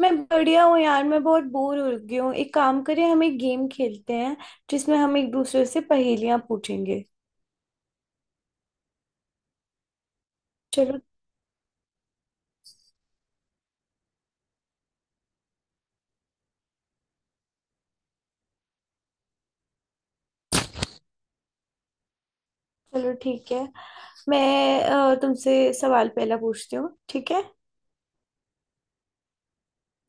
मैं बढ़िया हूँ यार। मैं बहुत बोर हो गई हूँ। एक काम करें, हम एक गेम खेलते हैं जिसमें हम एक दूसरे से पहेलियां पूछेंगे। चलो चलो ठीक है। मैं तुमसे सवाल पहला पूछती हूँ, ठीक है।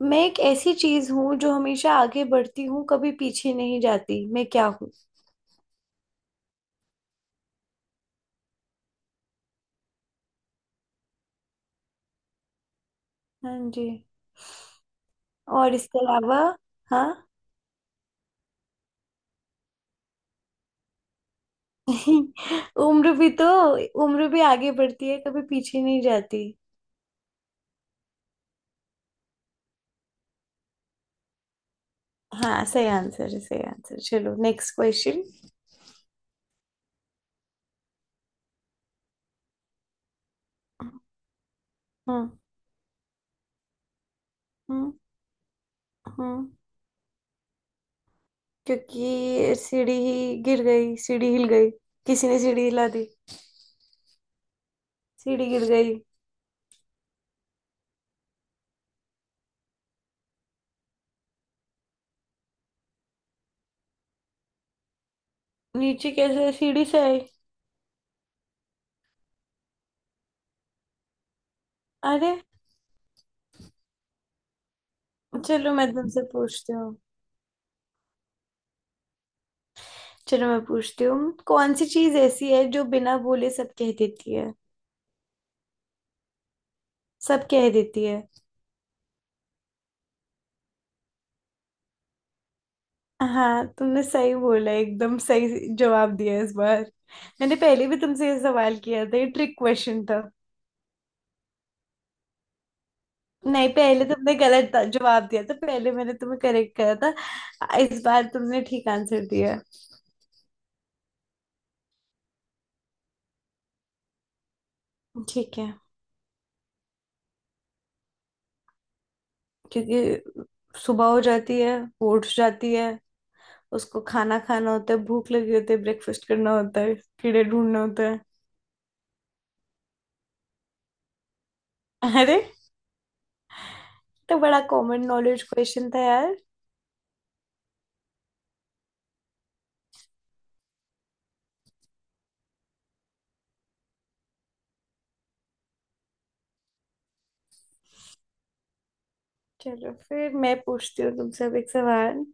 मैं एक ऐसी चीज हूँ जो हमेशा आगे बढ़ती हूँ, कभी पीछे नहीं जाती। मैं क्या हूँ? हाँ जी। और इसके अलावा हाँ उम्र भी तो। उम्र भी आगे बढ़ती है, कभी पीछे नहीं जाती। हाँ, सही आंसर है, सही आंसर। चलो नेक्स्ट क्वेश्चन। हम्म हम्म। हम्म क्योंकि सीढ़ी ही गिर गई, सीढ़ी हिल गई। किसी ने सीढ़ी हिला दी, सीढ़ी गिर गई। नीचे कैसे सीढ़ी से आई। अरे, चलो मैं तुमसे पूछती हूँ। चलो मैं पूछती हूँ, कौन सी चीज ऐसी है जो बिना बोले सब कह देती है। सब कह देती है। हाँ, तुमने सही बोला, एकदम सही जवाब दिया इस बार। मैंने पहले भी तुमसे ये सवाल किया था, ये ट्रिक क्वेश्चन था। नहीं, पहले तुमने गलत जवाब दिया था, पहले मैंने तुम्हें करेक्ट करा था, इस बार तुमने ठीक आंसर दिया। ठीक है। क्योंकि सुबह हो जाती है, वो उठ जाती है, उसको खाना खाना होता है, भूख लगी होती है, ब्रेकफास्ट करना होता है, कीड़े ढूंढने होते हैं। अरे, तो बड़ा कॉमन नॉलेज क्वेश्चन था यार। चलो फिर मैं पूछती हूँ तुमसे अब एक सवाल।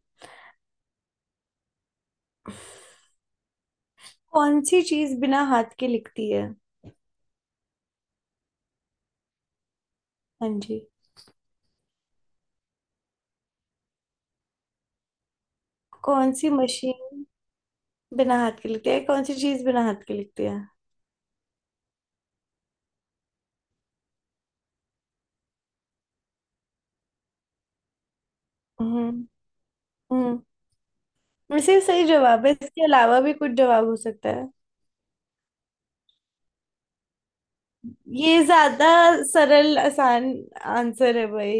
कौन सी चीज बिना हाथ के लिखती है? हाँ जी। कौन सी मशीन बिना हाथ के लिखती है? कौन सी चीज बिना हाथ के लिखती है? हम्म। हम्म वैसे ये सही जवाब है, इसके अलावा भी कुछ जवाब हो सकता है। ये ज्यादा सरल आसान आंसर है भाई।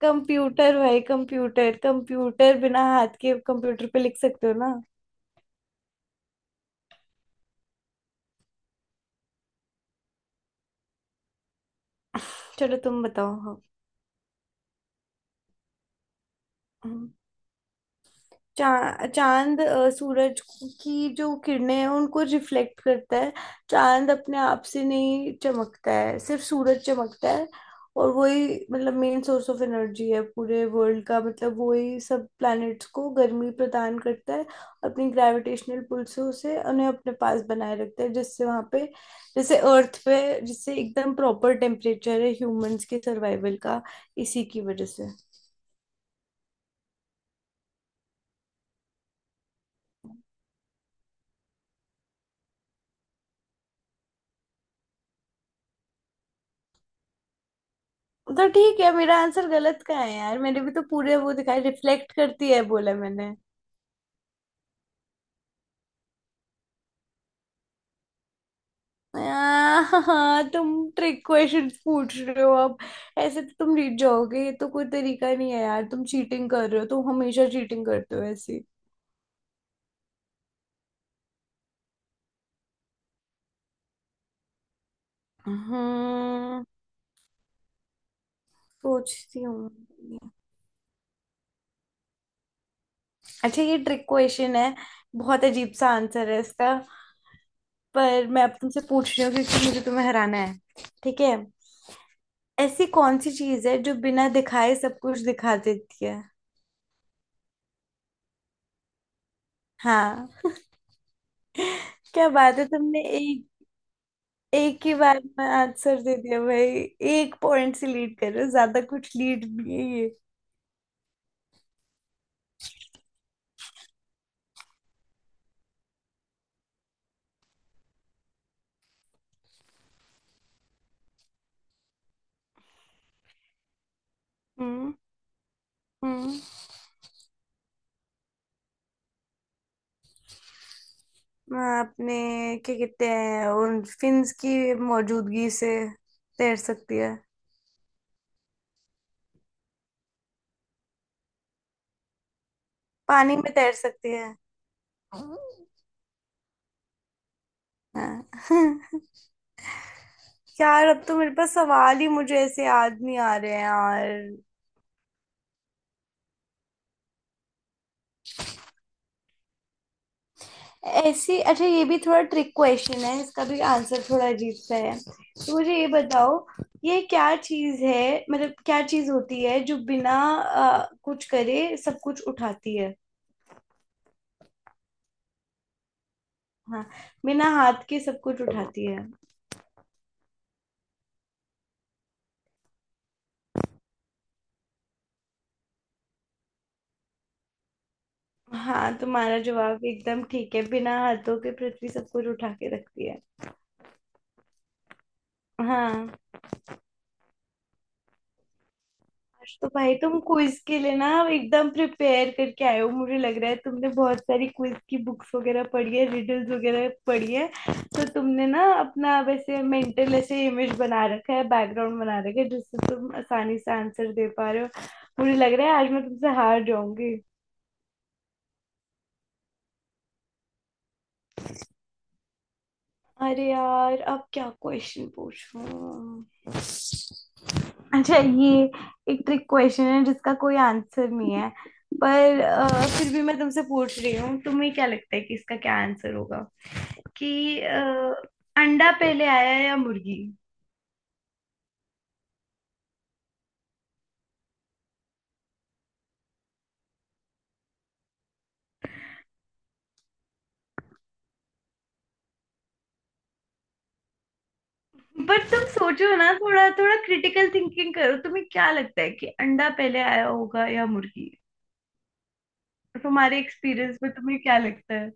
कंप्यूटर भाई, कंप्यूटर कंप्यूटर बिना हाथ के कंप्यूटर पे लिख सकते हो ना। चलो तुम बताओ। हाँ हाँ। चांद सूरज की जो किरणें हैं उनको रिफ्लेक्ट करता है। चांद अपने आप से नहीं चमकता है, सिर्फ सूरज चमकता है। और वही मतलब मेन सोर्स ऑफ एनर्जी है पूरे वर्ल्ड का, मतलब वही सब प्लैनेट्स को गर्मी प्रदान करता है, अपनी ग्रेविटेशनल पुल से उसे उन्हें अपने पास बनाए रखता है। जिससे वहाँ पे, जैसे अर्थ पे, जिससे एकदम प्रॉपर टेम्परेचर है ह्यूमंस के सर्वाइवल का, इसी की वजह से। तो ठीक है, मेरा आंसर गलत का है यार, मैंने भी तो पूरे वो दिखाई रिफ्लेक्ट करती है बोला मैंने। हाँ, तुम ट्रिक क्वेश्चन पूछ रहे हो अब। ऐसे तो तुम जीत जाओगे, ये तो कोई तरीका नहीं है यार, तुम चीटिंग कर रहे हो, तुम हमेशा चीटिंग करते हो ऐसी। हम्म। सोचती हूँ। अच्छा, ये ट्रिक क्वेश्चन है, बहुत अजीब सा आंसर है इसका। पर मैं अब तुमसे पूछ रही हूँ क्योंकि मुझे तुम्हें हराना है, ठीक है। ऐसी कौन सी चीज है जो बिना दिखाए सब कुछ दिखा देती है? हाँ, क्या बात है, तुमने एक एक ही बार में आंसर दे दिया भाई। एक पॉइंट से लीड कर रहे हो, ज्यादा कुछ लीड नहीं है ये। हम्म हम्म आपने क्या कहते हैं उन फिन्स की मौजूदगी से तैर सकती है। पानी में तैर सकती है। हाँ यार, अब तो मेरे पास सवाल ही मुझे ऐसे याद नहीं आ रहे हैं यार। ऐसी अच्छा, ये भी थोड़ा ट्रिक क्वेश्चन है, इसका भी आंसर थोड़ा अजीब सा है, तो मुझे ये बताओ, ये क्या चीज है, मतलब क्या चीज होती है जो बिना कुछ करे सब कुछ उठाती है। हाँ, बिना हाथ के सब कुछ उठाती है। हाँ, तुम्हारा जवाब एकदम ठीक है, बिना हाथों के पृथ्वी सब कुछ उठा के रखती है। हाँ, आज तो भाई तुम क्विज के लिए ना एकदम प्रिपेयर करके आए हो, मुझे लग रहा है तुमने बहुत सारी क्विज की बुक्स वगैरह पढ़ी है, रिडल्स वगैरह पढ़ी है। तो तुमने ना अपना, वैसे मेंटल ऐसे इमेज बना रखा है, बैकग्राउंड बना रखा है, जिससे तुम आसानी से आंसर दे पा रहे हो। मुझे लग रहा है आज मैं तुमसे हार जाऊंगी। अरे यार, अब क्या क्वेश्चन पूछूं। अच्छा ये, एक ट्रिक क्वेश्चन है जिसका कोई आंसर नहीं है, पर फिर भी मैं तुमसे पूछ रही हूँ, तुम्हें क्या लगता है कि इसका क्या आंसर होगा। कि अंडा पहले आया या मुर्गी? पर तुम सोचो ना, थोड़ा थोड़ा क्रिटिकल थिंकिंग करो, तुम्हें क्या लगता है कि अंडा पहले आया होगा या मुर्गी? तुम्हारे एक्सपीरियंस में तुम्हें क्या लगता है?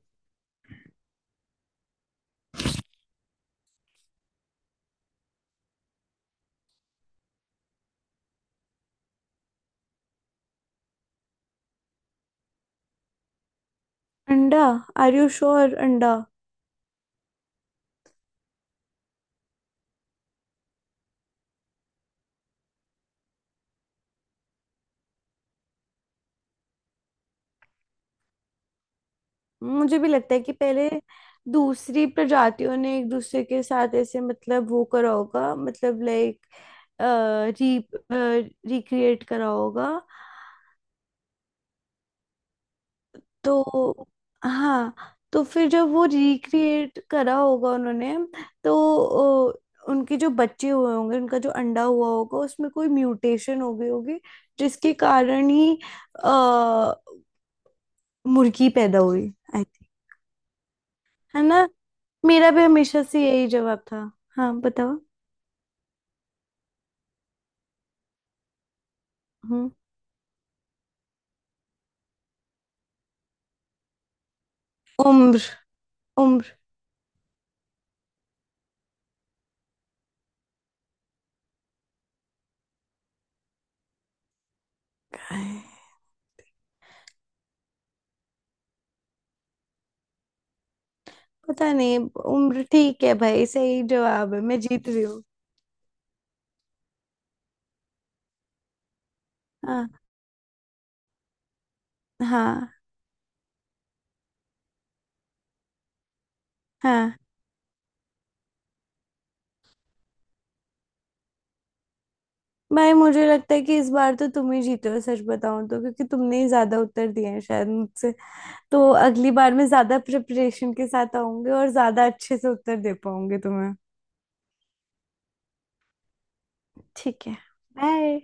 अंडा? आर यू श्योर अंडा? मुझे भी लगता है कि पहले दूसरी प्रजातियों ने एक दूसरे के साथ ऐसे, मतलब वो करा होगा, मतलब लाइक री रिक्रिएट करा होगा, तो। हाँ, तो फिर जब वो रिक्रिएट करा होगा उन्होंने, तो उनके जो बच्चे हुए होंगे, उनका जो अंडा हुआ होगा उसमें कोई म्यूटेशन हो गई होगी, जिसके कारण ही अ, मुर्गी पैदा हुई। है ना, मेरा भी हमेशा से यही जवाब था। हाँ बताओ। हम्म। उम्र। उम्र क्या है? पता नहीं। उम्र ठीक है भाई, सही जवाब है, मैं जीत रही हूँ। हाँ हाँ हाँ। भाई मुझे लगता है कि इस बार तो तुम ही जीते हो, सच बताऊं तो, क्योंकि तुमने ही ज्यादा उत्तर दिए हैं शायद मुझसे। तो अगली बार मैं ज्यादा प्रिपरेशन के साथ आऊंगी और ज्यादा अच्छे से उत्तर दे पाऊंगी तुम्हें। ठीक है, बाय।